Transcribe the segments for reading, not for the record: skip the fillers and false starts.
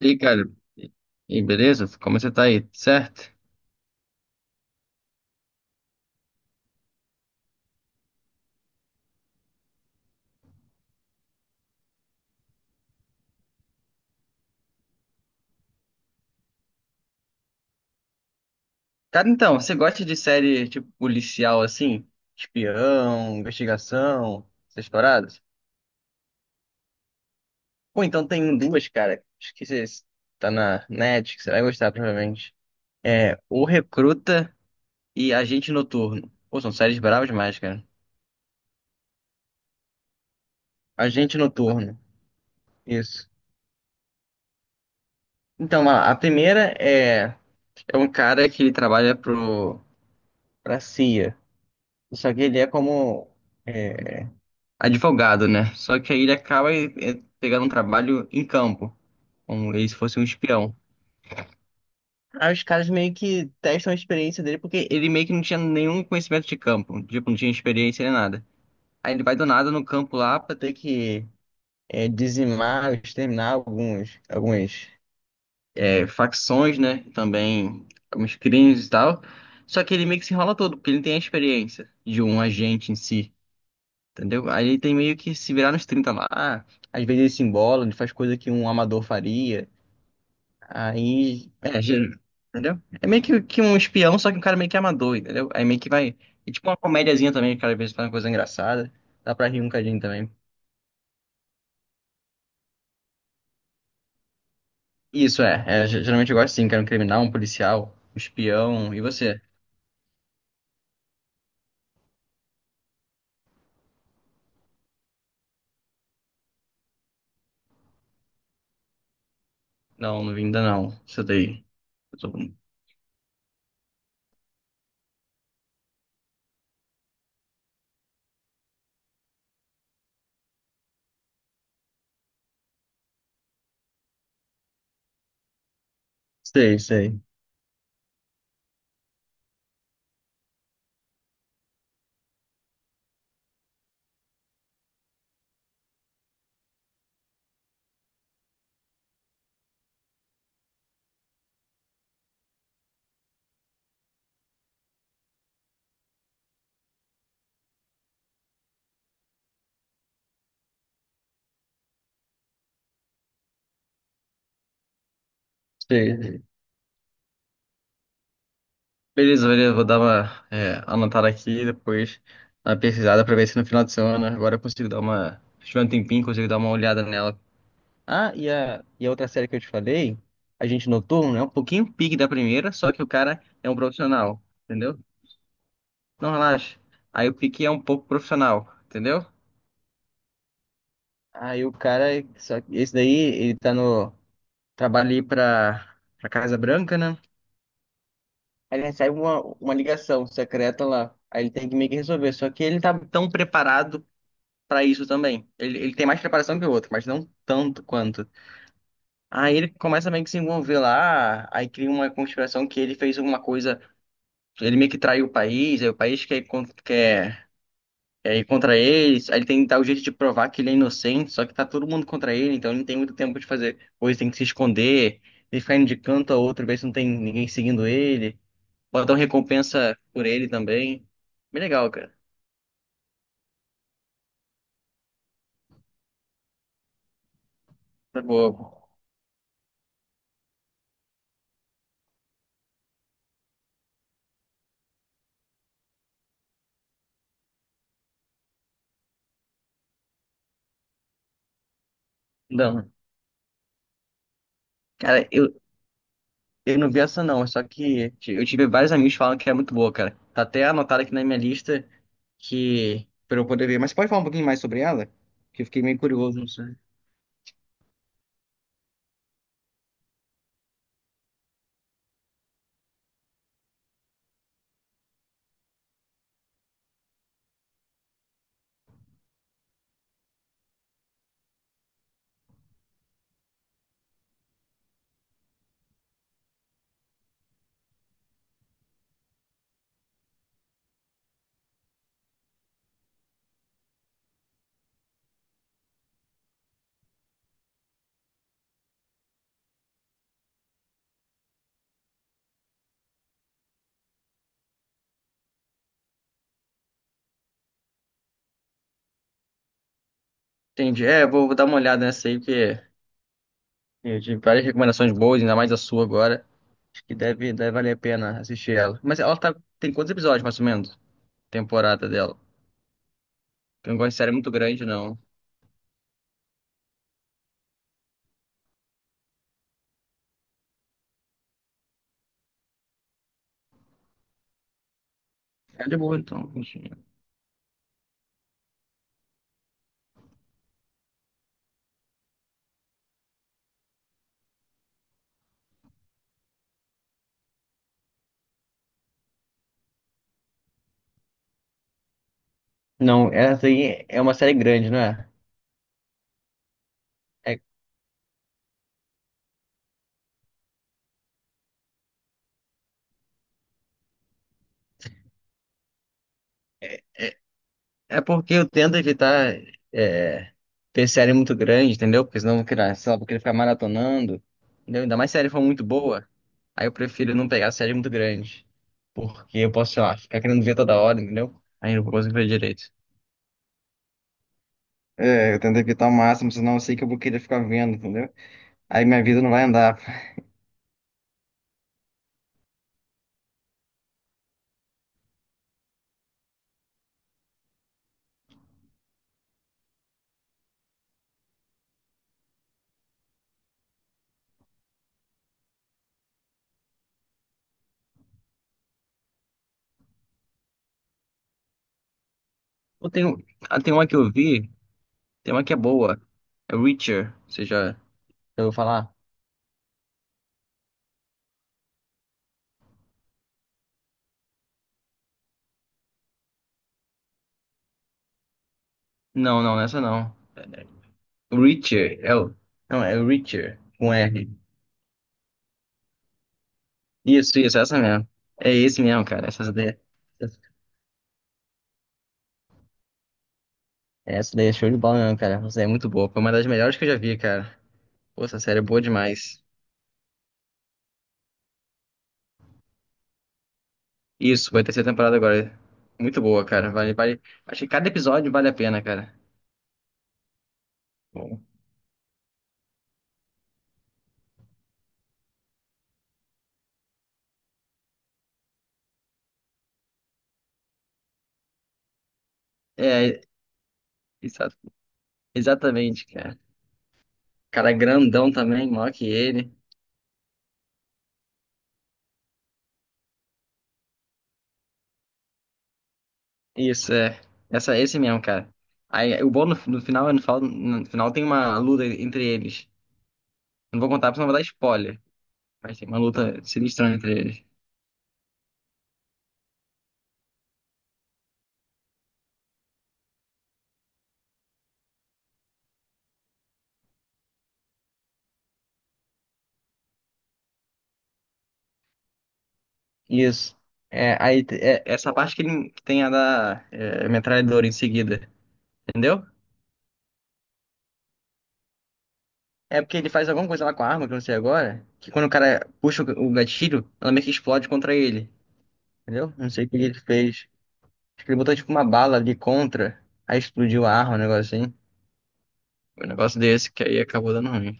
E aí, cara, e e beleza? Como você tá aí? Certo? Cara, então, você gosta de série tipo policial assim? Espião, investigação, essas paradas? Pô, então tem duas, cara. Acho que você tá na net, que você vai gostar provavelmente. É O Recruta e Agente Noturno. Pô, são séries bravas demais, cara. Agente Noturno, isso. Então, a primeira é um cara que ele trabalha pra CIA. Só que ele é como. é, advogado, né? Só que aí ele acaba pegando um trabalho em campo, como ele se fosse um espião. Aí os caras meio que testam a experiência dele, porque ele meio que não tinha nenhum conhecimento de campo, tipo, não tinha experiência nem nada. Aí ele vai do nada no campo lá pra ter que dizimar, exterminar algumas facções, né? Também alguns crimes e tal. Só que ele meio que se enrola todo, porque ele não tem a experiência de um agente em si. Entendeu? Aí ele tem meio que se virar nos 30 lá. Às vezes ele se embola, ele faz coisa que um amador faria. Aí. Entendeu? É meio que um espião, só que um cara meio que amador, entendeu? Aí meio que vai. É tipo uma comédiazinha também, que o cara às vezes faz uma coisa engraçada. Dá pra rir um cadinho também. Isso é. Geralmente eu gosto sim, que era um criminal, um policial, um espião. E você? Não, não vi ainda não. Você daí. Eu tô- Sei, sei. Sei. Beleza, beleza, vou dar uma anotada aqui, depois uma pesquisada pra ver se no final de semana agora eu consigo dar uma. Se tiver um tempinho, consigo dar uma olhada nela. Ah, e a outra série que eu te falei, a Agente Noturno, é um pouquinho pique da primeira, só que o cara é um profissional, entendeu? Não relaxa. Aí o pique é um pouco profissional, entendeu? Aí o cara, só que esse daí, ele tá no trabalho ali pra Casa Branca, né? Aí ele recebe uma ligação secreta lá. Aí ele tem que meio que resolver. Só que ele tá tão preparado pra isso também. Ele tem mais preparação que o outro, mas não tanto quanto. Aí ele começa meio que se envolver lá. Aí cria uma conspiração que ele fez alguma coisa. Ele meio que traiu o país. Aí o país quer ir contra eles. Aí ele tem que dar o jeito de provar que ele é inocente. Só que tá todo mundo contra ele. Então ele não tem muito tempo de fazer coisa. Tem que se esconder. Ele ficar indo de canto a outro, ver se não tem ninguém seguindo ele. Botão recompensa por ele também. Bem legal, cara. Tá boa. Não. Cara, eu, eu não vi essa não, só que eu tive vários amigos que falam que é muito boa, cara. Tá até anotado aqui na minha lista que pra eu poder ver. Mas pode falar um pouquinho mais sobre ela? Que eu fiquei meio curioso, não sei. Entendi. Vou dar uma olhada nessa aí, porque eu tive várias recomendações boas, ainda mais a sua agora. Acho que deve, deve valer a pena assistir ela. Mas ela tá, tem quantos episódios, mais ou menos? Temporada dela. Eu não gosto de série muito grande, não. É de boa, então. Não, essa aí é uma série grande, não é? É, é porque eu tento evitar é, ter série muito grande, entendeu? Porque senão eu vou querer, sei lá, vou querer ficar maratonando, entendeu? Ainda mais se a série for muito boa, aí eu prefiro não pegar série muito grande. Porque eu posso, sei lá, ficar querendo ver toda hora, entendeu? Aí eu não consigo ver direito. É, eu tento evitar o máximo, senão eu sei que eu vou querer ficar vendo, entendeu? Aí minha vida não vai andar. Ou tem, ah, tem uma que eu vi, tem uma que é boa. É Reacher, você já ouviu falar? Não, não, nessa não. Richard, é o... Não, é o Richard, com R. Isso, essa mesmo. É esse mesmo, cara. Essa daí é show de bola mesmo, cara. Essa daí é muito boa. Foi uma das melhores que eu já vi, cara. Pô, essa série é boa demais. Isso, vai ter terceira temporada agora. Muito boa, cara. Vale, vale. Acho que cada episódio vale a pena, cara. Bom. É, exa- exatamente, cara. Cara grandão também, maior que ele. Isso, é. Essa, esse mesmo, cara. Aí, o bom no final, no final tem uma luta entre eles. Eu Não vou contar, porque senão eu vou dar spoiler. Mas tem uma luta sinistra entre eles. Isso. Essa parte que, ele, que tem a da metralhadora em seguida. Entendeu? É porque ele faz alguma coisa lá com a arma, que eu não sei agora. Que quando o cara puxa o gatilho, ela meio que explode contra ele. Entendeu? Não sei o que ele fez. Acho que ele botou tipo uma bala ali contra. Aí explodiu a arma, um negócio assim. Foi um negócio desse que aí acabou dando ruim.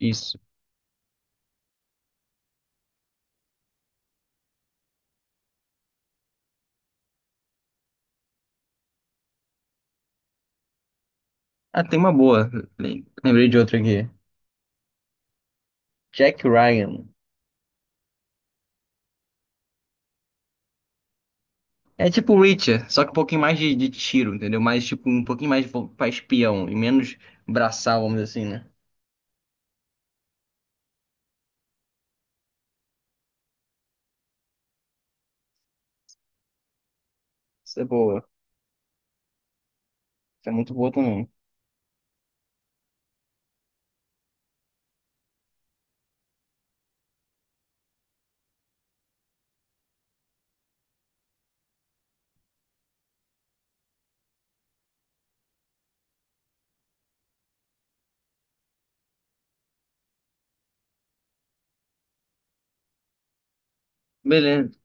Isso. Ah, tem uma boa. Lembrei de outra aqui. Jack Ryan. É tipo Witcher, só que um pouquinho mais de tiro, entendeu? Mais tipo um pouquinho mais pra espião e menos braçal, vamos dizer assim, né? Isso é boa. Isso é muito boa também. Beleza.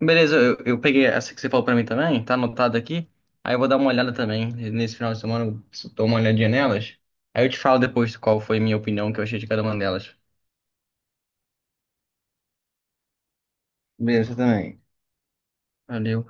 Eu peguei essa que você falou pra mim também, tá anotado aqui. Aí eu vou dar uma olhada também. Nesse final de semana eu dou uma olhadinha nelas. Aí eu te falo depois qual foi a minha opinião que eu achei de cada uma delas. Beleza, você também. Valeu.